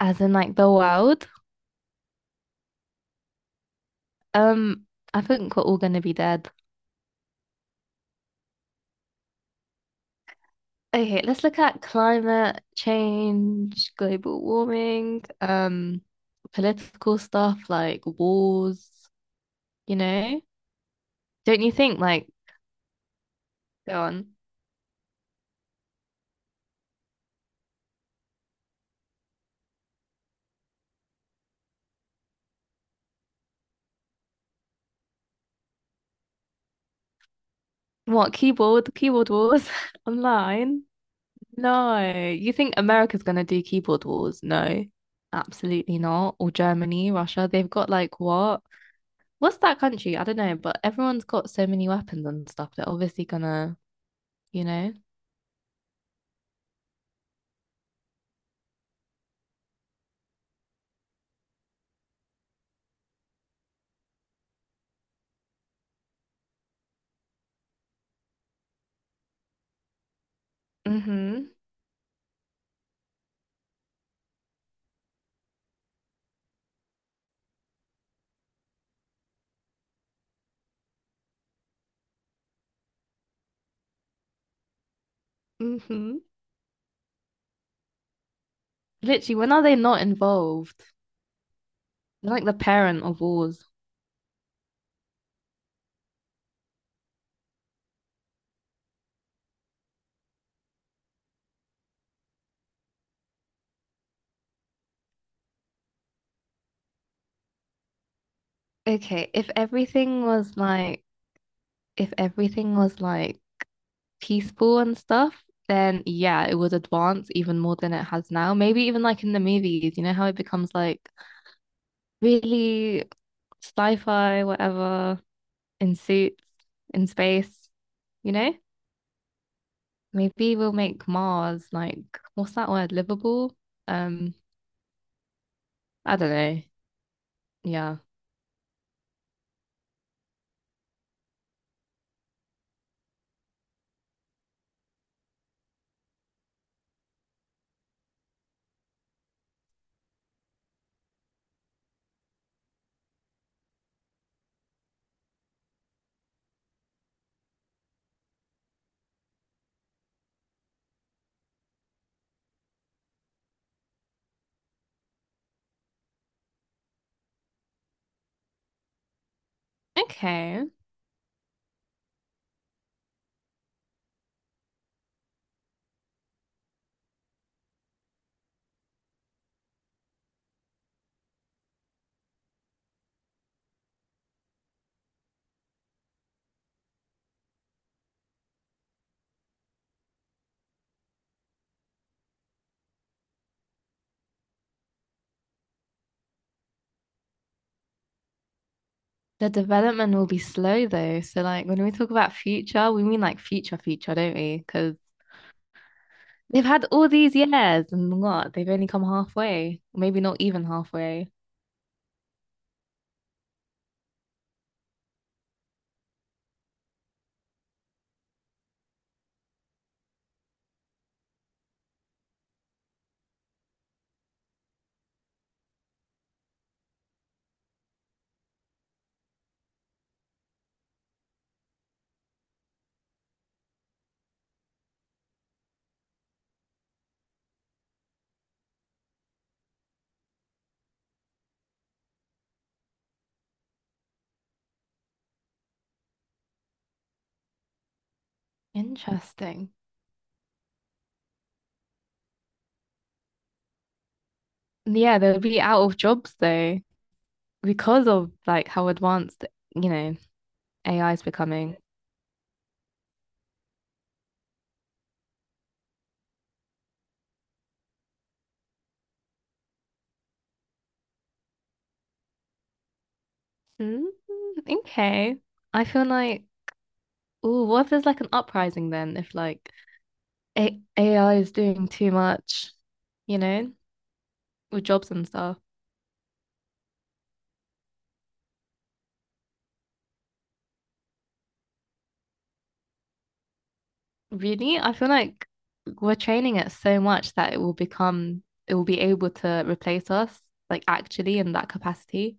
As in like the world. Um, I think we're all gonna be dead. Okay, let's look at climate change, global warming, political stuff like wars, you know? Don't you think like go on. What, keyboard wars online? No. You think America's gonna do keyboard wars? No. Absolutely not. Or Germany, Russia, they've got like what? What's that country? I don't know, but everyone's got so many weapons and stuff. They're obviously gonna you know? Mm-hmm. Mm-hmm. Literally, when are they not involved? They're like the parent of wars. Okay, if everything was like if everything was like peaceful and stuff, then yeah, it would advance even more than it has now. Maybe even like in the movies, you know how it becomes like really sci-fi, whatever, in suits, in space, you know? Maybe we'll make Mars like what's that word? Livable? Um, I don't know. Yeah. Okay. The development will be slow though. So like when we talk about future, we mean like future future, don't we? Because they've had all these years and what? They've only come halfway, maybe not even halfway. Interesting. Yeah, they'll be out of jobs though because of like how advanced, you know, AI is becoming. Mm, okay. I feel like, oh, what if there's like an uprising then if like A AI is doing too much, you know, with jobs and stuff? Really, I feel like we're training it so much that it will be able to replace us, like actually in that capacity.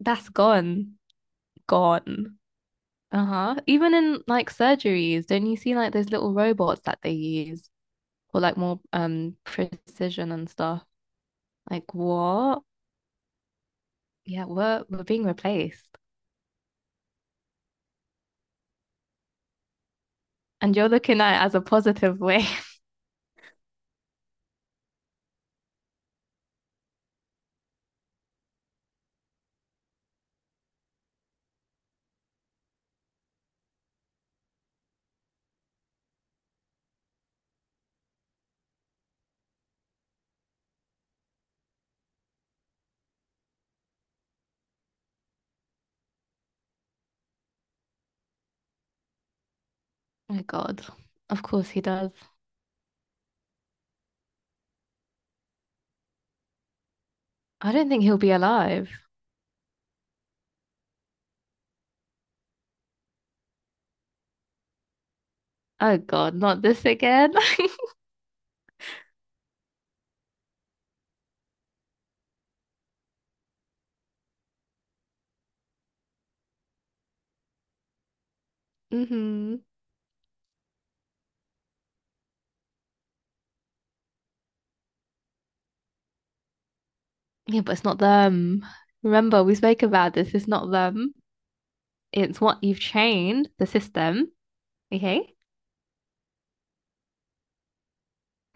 That's gone, gone. Uh-huh. Even in like surgeries, don't you see like those little robots that they use for like more precision and stuff? Like what? Yeah, we're being replaced. And you're looking at it as a positive way. Oh my God. Of course he does. I don't think he'll be alive. Oh God, not this again. Hmm. Yeah, but it's not them. Remember, we spoke about this. It's not them. It's what you've trained the system. Okay.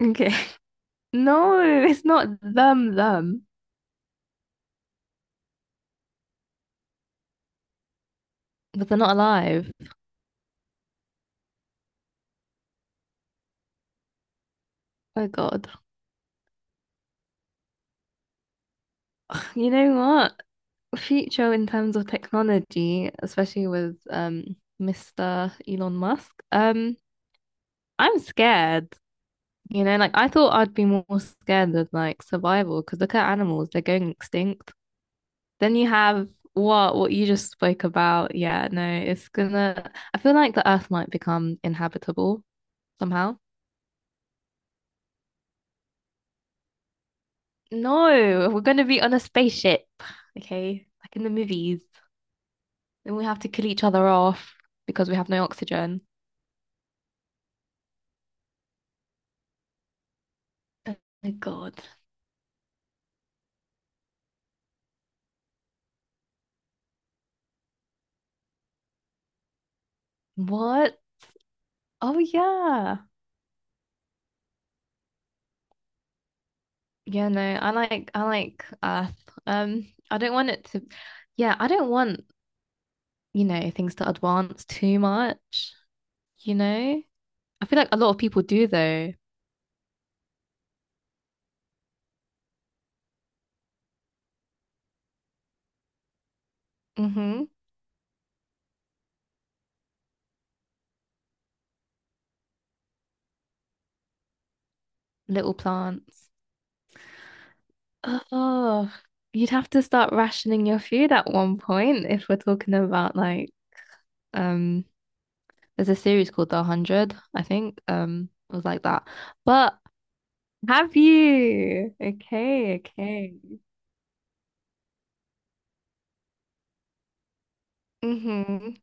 Okay. No, it's not them, them. But they're not alive. Oh God. You know what? Future in terms of technology, especially with Mr. Elon Musk, I'm scared. You know, like I thought I'd be more scared of like survival because look at animals, they're going extinct. Then you have what you just spoke about. Yeah, no, it's gonna I feel like the Earth might become inhabitable somehow. No, we're gonna be on a spaceship. Okay, like in the movies. And we have to kill each other off because we have no oxygen. Oh my God. What? Oh yeah. Yeah, no, I like Earth. I don't want it to yeah, I don't want, you know, things to advance too much, you know? I feel like a lot of people do though. Mm-hmm. Little plants. Oh, you'd have to start rationing your food at one point if we're talking about like um there's a series called The 100, I think. It was like that. But have you? Okay, okay. Mm-hmm.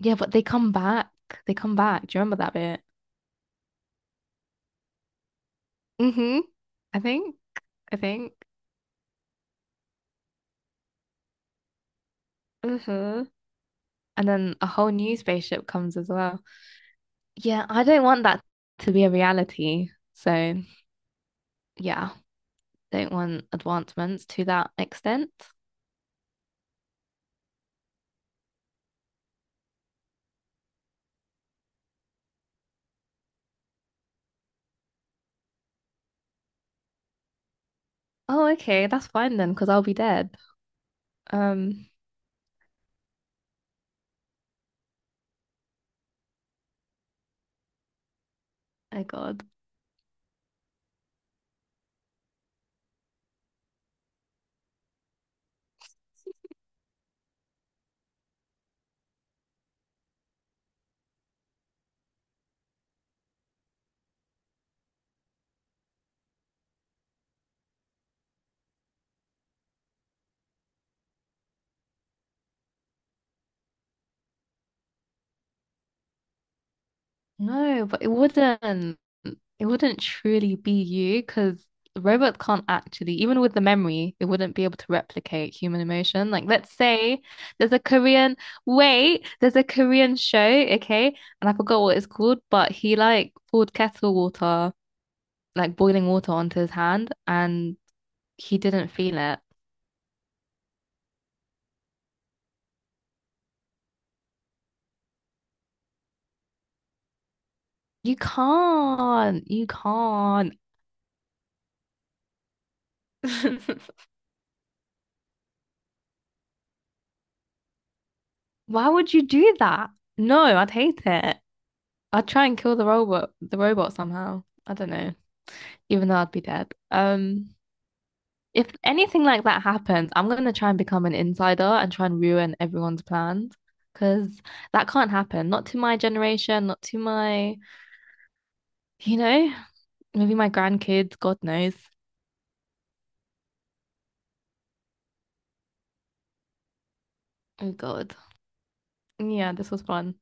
Yeah, but they come back. They come back. Do you remember that bit? Mm-hmm. I think. I think. Mm-hmm. And then a whole new spaceship comes as well. Yeah, I don't want that to be a reality. So, yeah. Don't want advancements to that extent. Oh, okay, that's fine then, because I'll be dead. Um, oh God. No, but it wouldn't truly be you because robots can't actually, even with the memory, it wouldn't be able to replicate human emotion. Like, let's say there's a Korean, wait, there's a Korean show, okay, and I forgot what it's called, but he like poured kettle water, like boiling water onto his hand, and he didn't feel it. You can't. You can't. Why would you do that? No, I'd hate it. I'd try and kill the robot somehow. I don't know, even though I'd be dead. If anything like that happens, I'm gonna try and become an insider and try and ruin everyone's plans because that can't happen. Not to my generation, not to my, you know, maybe my grandkids, God knows. Oh God. Yeah, this was fun.